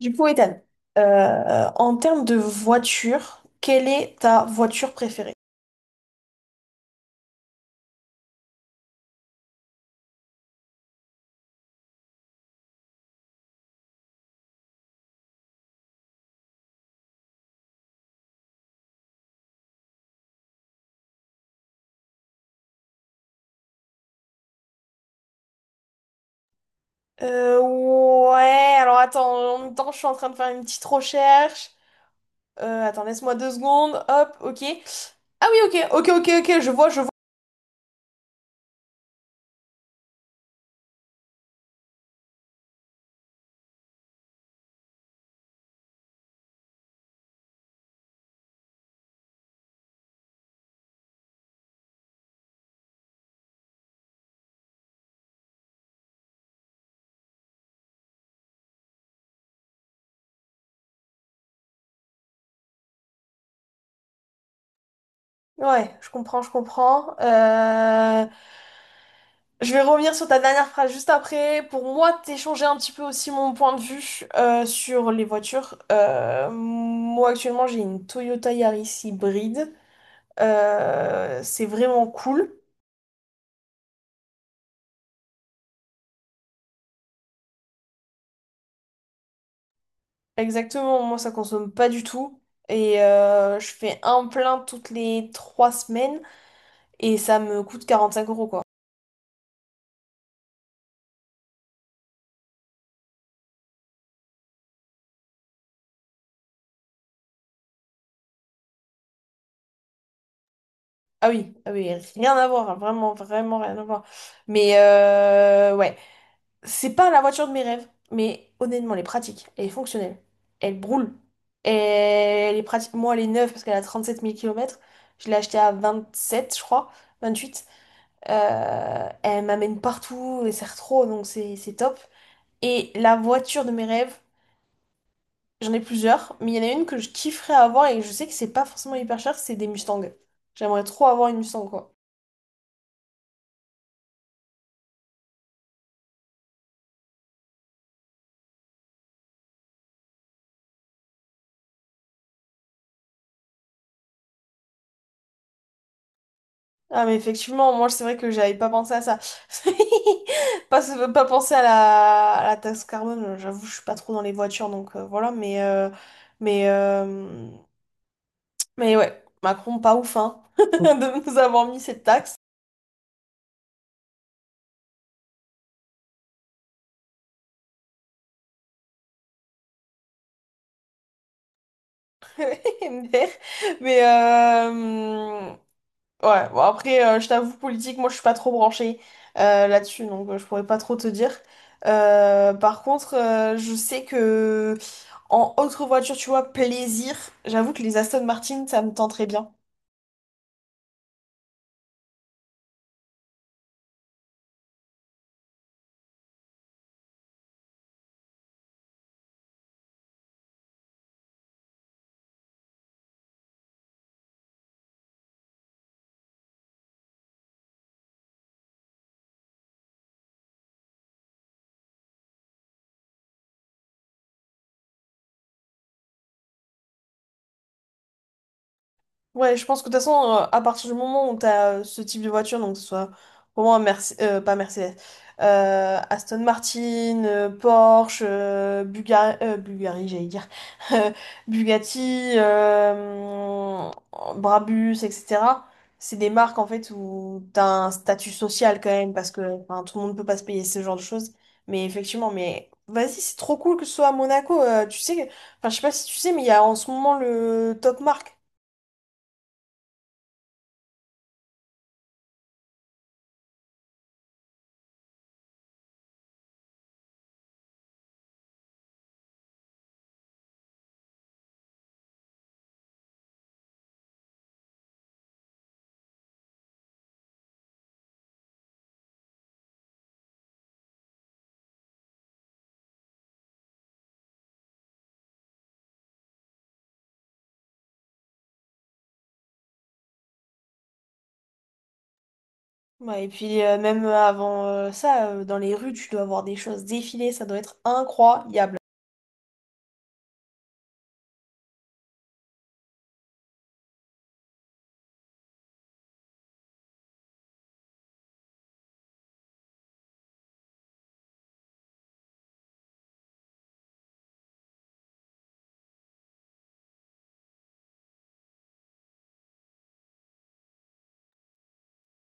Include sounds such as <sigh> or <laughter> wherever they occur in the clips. Du coup, Ethan, en termes de voiture, quelle est ta voiture préférée? Ouais, alors attends, en même temps, je suis en train de faire une petite recherche. Attends, laisse-moi deux secondes. Hop, ok. Ah oui, ok, ok, ok, ok, je vois, je vois. Ouais, je comprends, je comprends. Je vais revenir sur ta dernière phrase juste après. Pour moi, t'échanger un petit peu aussi mon point de vue sur les voitures. Moi, actuellement, j'ai une Toyota Yaris hybride. C'est vraiment cool. Exactement, moi ça consomme pas du tout. Et je fais un plein toutes les 3 semaines et ça me coûte 45 € quoi. Ah oui, ah oui, rien à voir, hein, vraiment, vraiment rien à voir. Mais ouais, c'est pas la voiture de mes rêves, mais honnêtement, elle est pratique, elle est fonctionnelle, elle brûle, elle est pratique. Moi, elle est neuve parce qu'elle a 37 000 km. Je l'ai achetée à 27, je crois, 28. Elle m'amène partout, elle sert trop, donc c'est top. Et la voiture de mes rêves, j'en ai plusieurs, mais il y en a une que je kifferais avoir et je sais que c'est pas forcément hyper cher, c'est des Mustangs. J'aimerais trop avoir une Mustang, quoi. Ah, mais effectivement, moi, c'est vrai que j'avais pas pensé à ça. <laughs> Pas, pas pensé à la taxe carbone, j'avoue, je suis pas trop dans les voitures, donc voilà, mais, euh, mais ouais, Macron, pas ouf, hein, <laughs> de nous avoir mis cette taxe. MDR. Mais ouais, bon, après, je t'avoue, politique, moi je suis pas trop branchée là-dessus, donc je pourrais pas trop te dire. Par contre, je sais que en autre voiture, tu vois, plaisir, j'avoue que les Aston Martin, ça me tenterait bien. Ouais, je pense que de toute façon, à partir du moment où tu as ce type de voiture, donc que ce soit pour moi pas Mercedes, Aston Martin, Porsche, Bulgari, j'allais dire, <laughs> euh, Bugatti, Brabus, etc. C'est des marques en fait où tu as un statut social quand même, parce que enfin, tout le monde ne peut pas se payer ce genre de choses. Mais effectivement, mais vas-y, c'est trop cool que ce soit à Monaco. Tu sais, enfin, je sais pas si tu sais, mais il y a en ce moment le top marque. Ouais, et puis même avant ça, dans les rues, tu dois voir des choses défiler, ça doit être incroyable.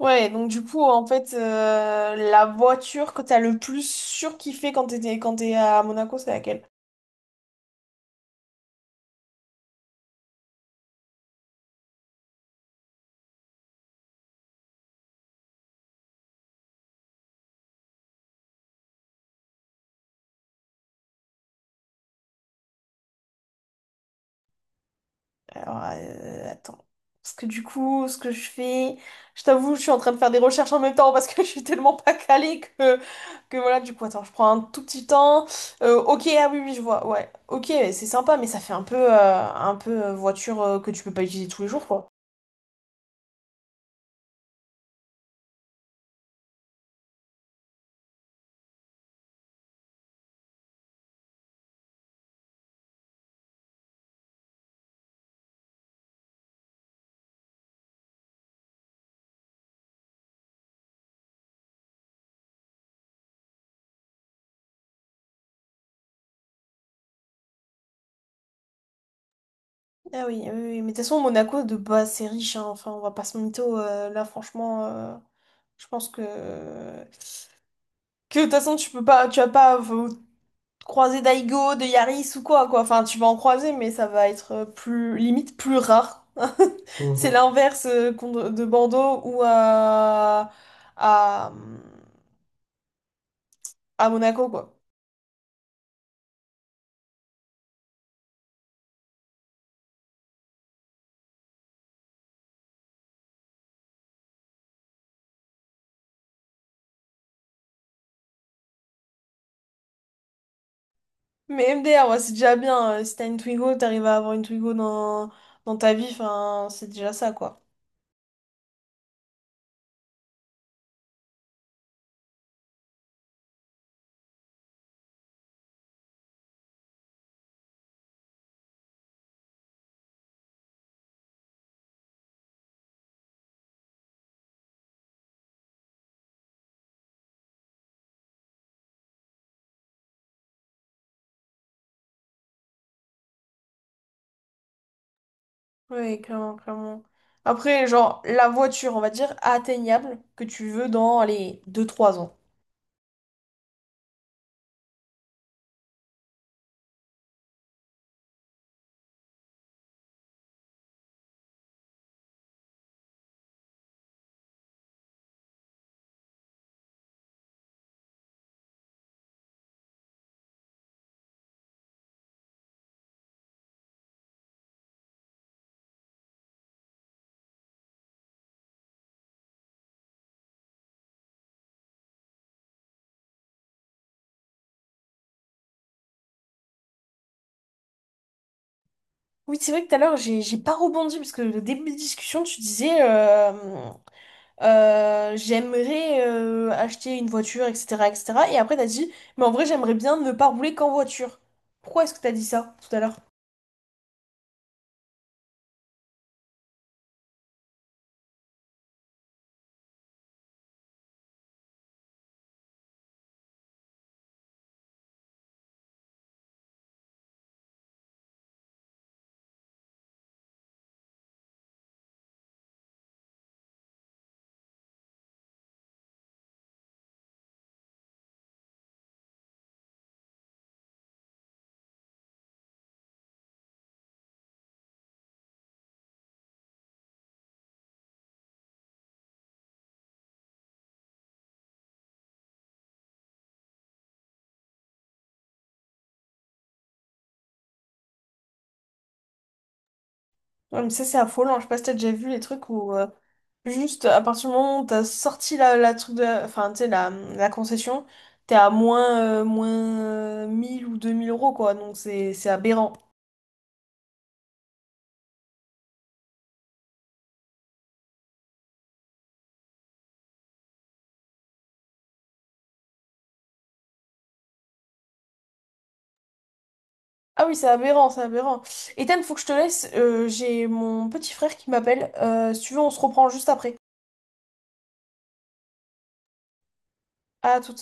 Ouais, donc du coup, en fait, la voiture que t'as le plus surkiffé quand t'étais, quand t'es à Monaco, c'est laquelle? Alors, attends. Parce que du coup, ce que je fais, je t'avoue, je suis en train de faire des recherches en même temps parce que <laughs> je suis tellement pas calée que voilà, du coup, attends, je prends un tout petit temps. Ok, ah oui, oui, je vois, ouais. Ok, c'est sympa, mais ça fait un peu, voiture que tu peux pas utiliser tous les jours, quoi. Ah oui, oui, oui. mais de toute façon, Monaco, de base, c'est riche, hein. Enfin, on va pas se mytho, là, franchement, je pense que... Que de toute façon, tu vas pas croiser d'Aigo, de Yaris ou quoi, quoi. Enfin, tu vas en croiser, mais ça va être plus, limite, plus rare. <laughs> C'est Mhm. l'inverse de Bordeaux ou à, à Monaco, quoi. Mais MDR, ouais, c'est déjà bien. Si t'as une Twigo, t'arrives à avoir une Twigo dans, dans ta vie, enfin, c'est déjà ça, quoi. Oui, clairement, clairement. Après, genre, la voiture, on va dire, atteignable que tu veux dans les 2 3 ans. Oui, c'est vrai que tout à l'heure, j'ai pas rebondi parce que le début de discussion, tu disais j'aimerais acheter une voiture, etc., etc. Et cetera. Et après, t'as dit, mais en vrai, j'aimerais bien ne pas rouler qu'en voiture. Pourquoi est-ce que t'as dit ça tout à l'heure? Ouais, mais ça, c'est affolant. Je sais pas si t'as déjà vu les trucs où, juste à partir du moment où t'as sorti la, enfin, tu sais, la concession, t'es à moins, 1000 ou 2000 euros, quoi. Donc, c'est aberrant. Ah oui, c'est aberrant, c'est aberrant. Ethan, faut que je te laisse. J'ai mon petit frère qui m'appelle. Si tu veux, on se reprend juste après. À tout